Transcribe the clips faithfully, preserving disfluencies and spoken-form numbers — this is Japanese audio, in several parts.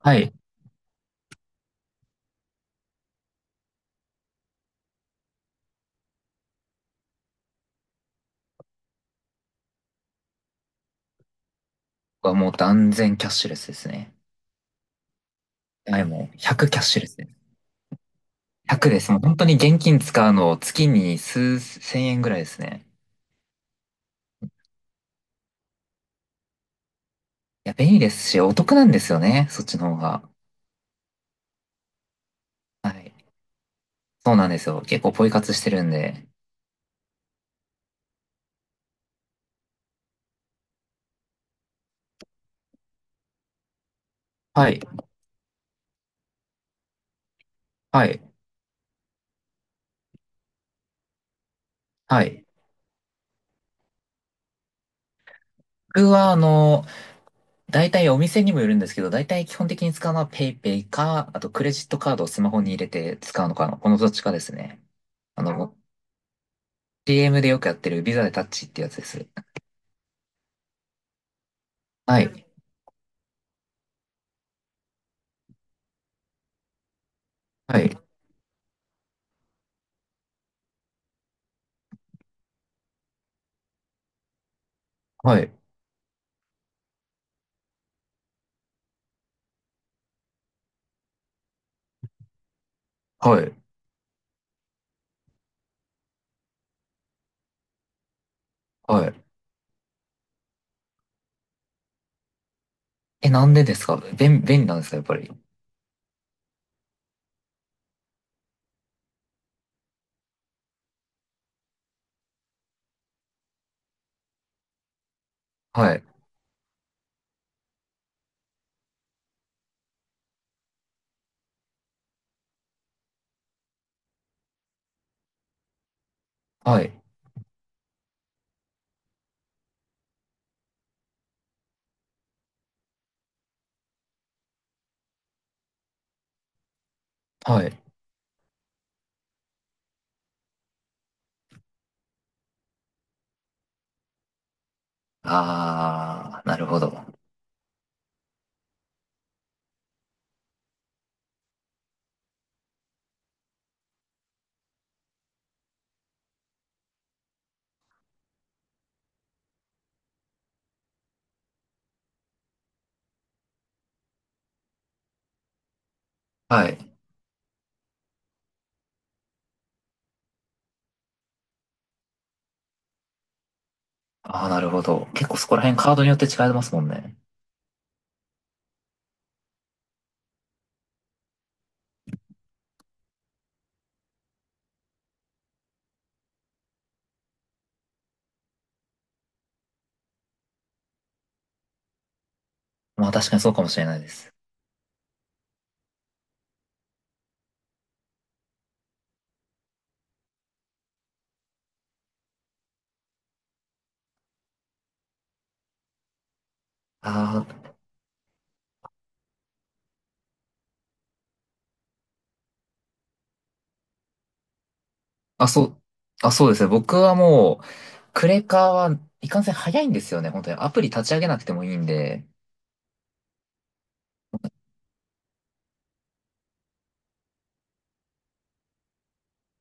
はい。僕はもう断然キャッシュレスですね。はい、もうひゃくキャッシュレスです。ひゃくです。もう本当に現金使うの月に数千円ぐらいですね。いや、便利ですし、お得なんですよね。そっちの方が。はい。そうなんですよ。結構ポイ活してるんで。はい。はい。はい。僕は、あの、大体お店にもよるんですけど、大体基本的に使うのは PayPay か、あとクレジットカードをスマホに入れて使うのかな。このどっちかですね。あの、シーエム でよくやってるビザでタッチってやつです。はい。はい。はい。はい。はい。え、なんでですか？便、便利なんですかやっぱり？はい。はい。はい。あー、なるほど。はい。あー、なるほど。結構そこら辺カードによって違いますもんね。まあ確かにそうかもしれないです。あー、あ、そう、あ、そうですね。僕はもう、クレカはいかんせん早いんですよね。本当に。アプリ立ち上げなくてもいいんで。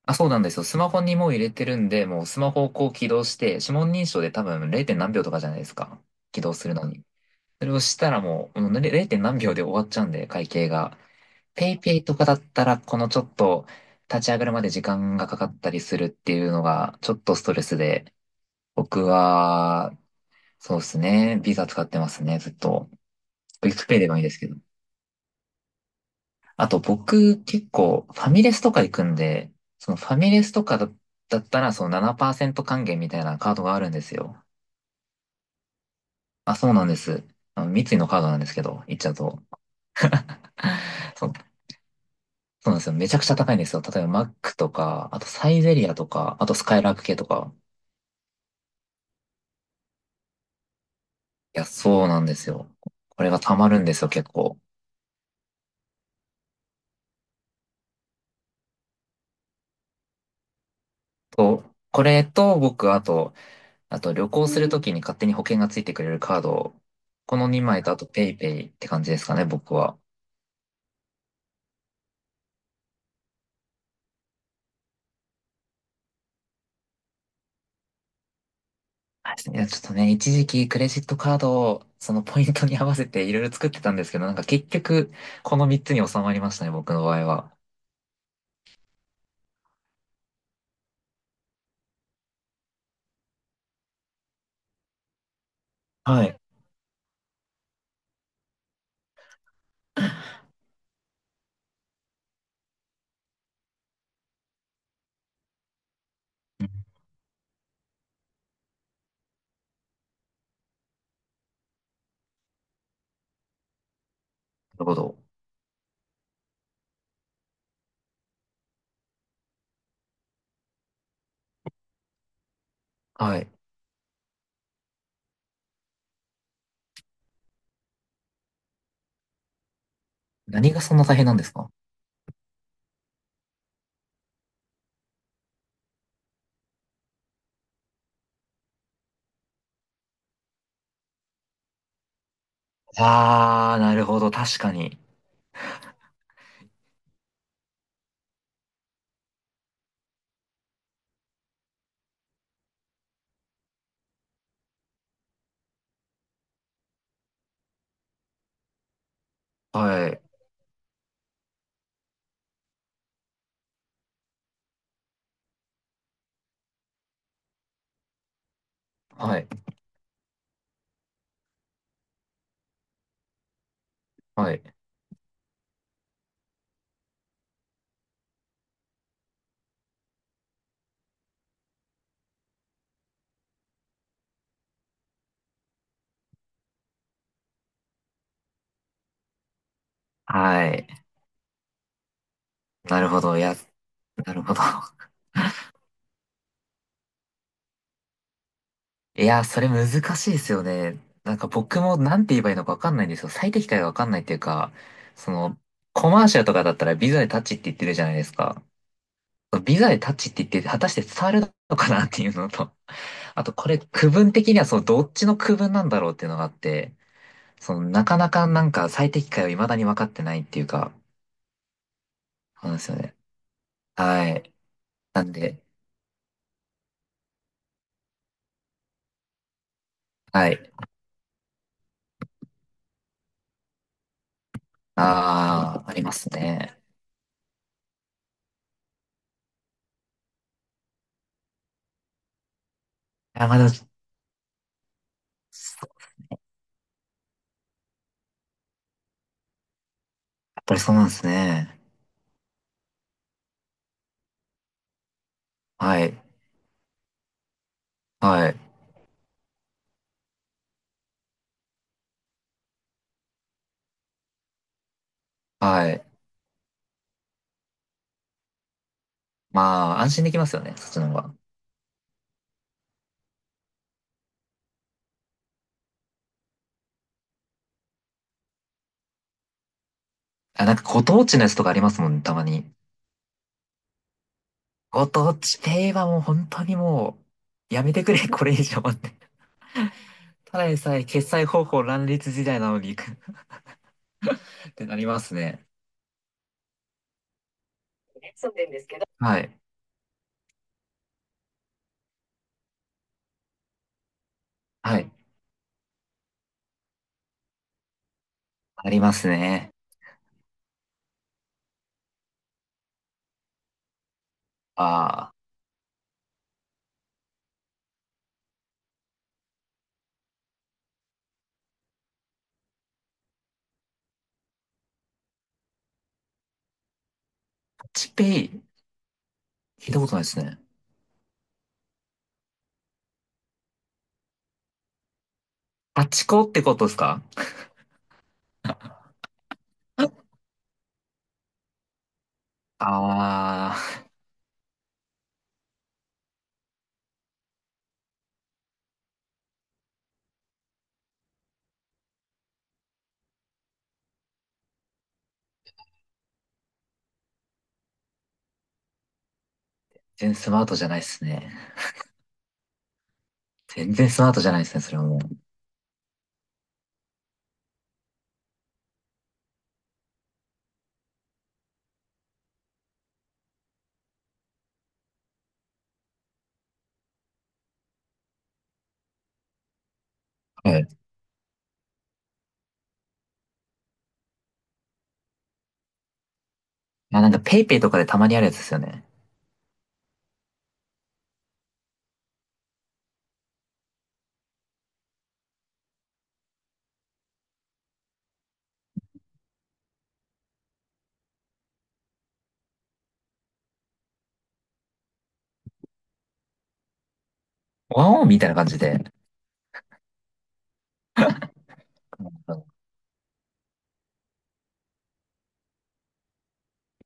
あ、そうなんですよ。スマホにもう入れてるんで、もうスマホをこう起動して、指紋認証で多分 れい. 何秒とかじゃないですか。起動するのに。それをしたらもう、もうれい何秒で終わっちゃうんで、会計が。ペイペイとかだったら、このちょっと立ち上がるまで時間がかかったりするっていうのが、ちょっとストレスで、僕は、そうですね、ビザ使ってますね、ずっと。クイックペイでもいいですけど。あと僕、結構、ファミレスとか行くんで、そのファミレスとかだ、だったら、そのななパーセント還元みたいなカードがあるんですよ。あ、そうなんです。あの三井のカードなんですけど、行っちゃうと。そのそうなんですよ。めちゃくちゃ高いんですよ。例えばマックとか、あとサイゼリアとか、あとスカイラーク系とか。いや、そうなんですよ。これが溜まるんですよ、結構。と、これと僕、あと、あと旅行するときに勝手に保険がついてくれるカード、このにまいとあとペイペイって感じですかね、僕は。はいですね。いや、ちょっとね、一時期クレジットカードをそのポイントに合わせていろいろ作ってたんですけど、なんか結局、このみっつに収まりましたね、僕の場合は。はい。なるほど。はい。何がそんな大変なんですか？ああ、なるほど。確かに。はい。はい。はい。はい。なるほど。いや、なるほど。いや、それ難しいですよね。なんか僕もなんて言えばいいのかわかんないんですよ。最適解がわかんないっていうか、その、コマーシャルとかだったらビザでタッチって言ってるじゃないですか。ビザでタッチって言って、果たして伝わるのかなっていうのと、あとこれ区分的にはそう、どっちの区分なんだろうっていうのがあって、その、なかなかなんか最適解を未だに分かってないっていうか、そうなんですよね。はい。なんで、はい。ああ、ありますね。あ、まだ、やっぱりそうなんですね。はい。はい。はい。まあ、安心できますよね、そっちの方が。あ、なんかご当地のやつとかありますもんね、たまに。ご当地ペイはもう本当にもう、やめてくれ、これ以上って。ただでさえ決済方法乱立時代なのに ってなりますね。住んでんですけど、はい。はい。ありますね。ああ、タッチペイ、聞いたことないですね。タッチコってことですか？ああ、全然スマートじゃないですね。全然スマートじゃないですね、それはもう。はい。あ、なんかペイペイとかでたまにあるやつですよね。ワンオンみたいな感じで。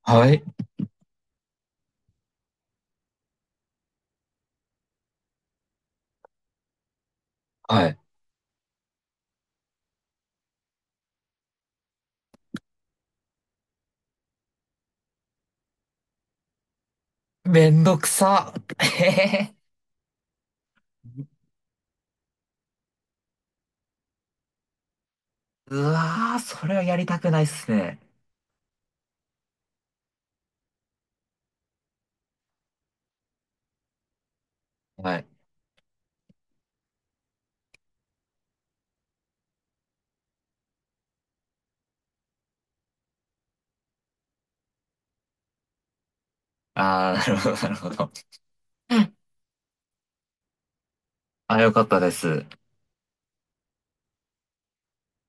はい。はい。めんどくさ。えへへうわー、それはやりたくないっすね。はい。ああ、なるほど、なるほど。あ、よかったです。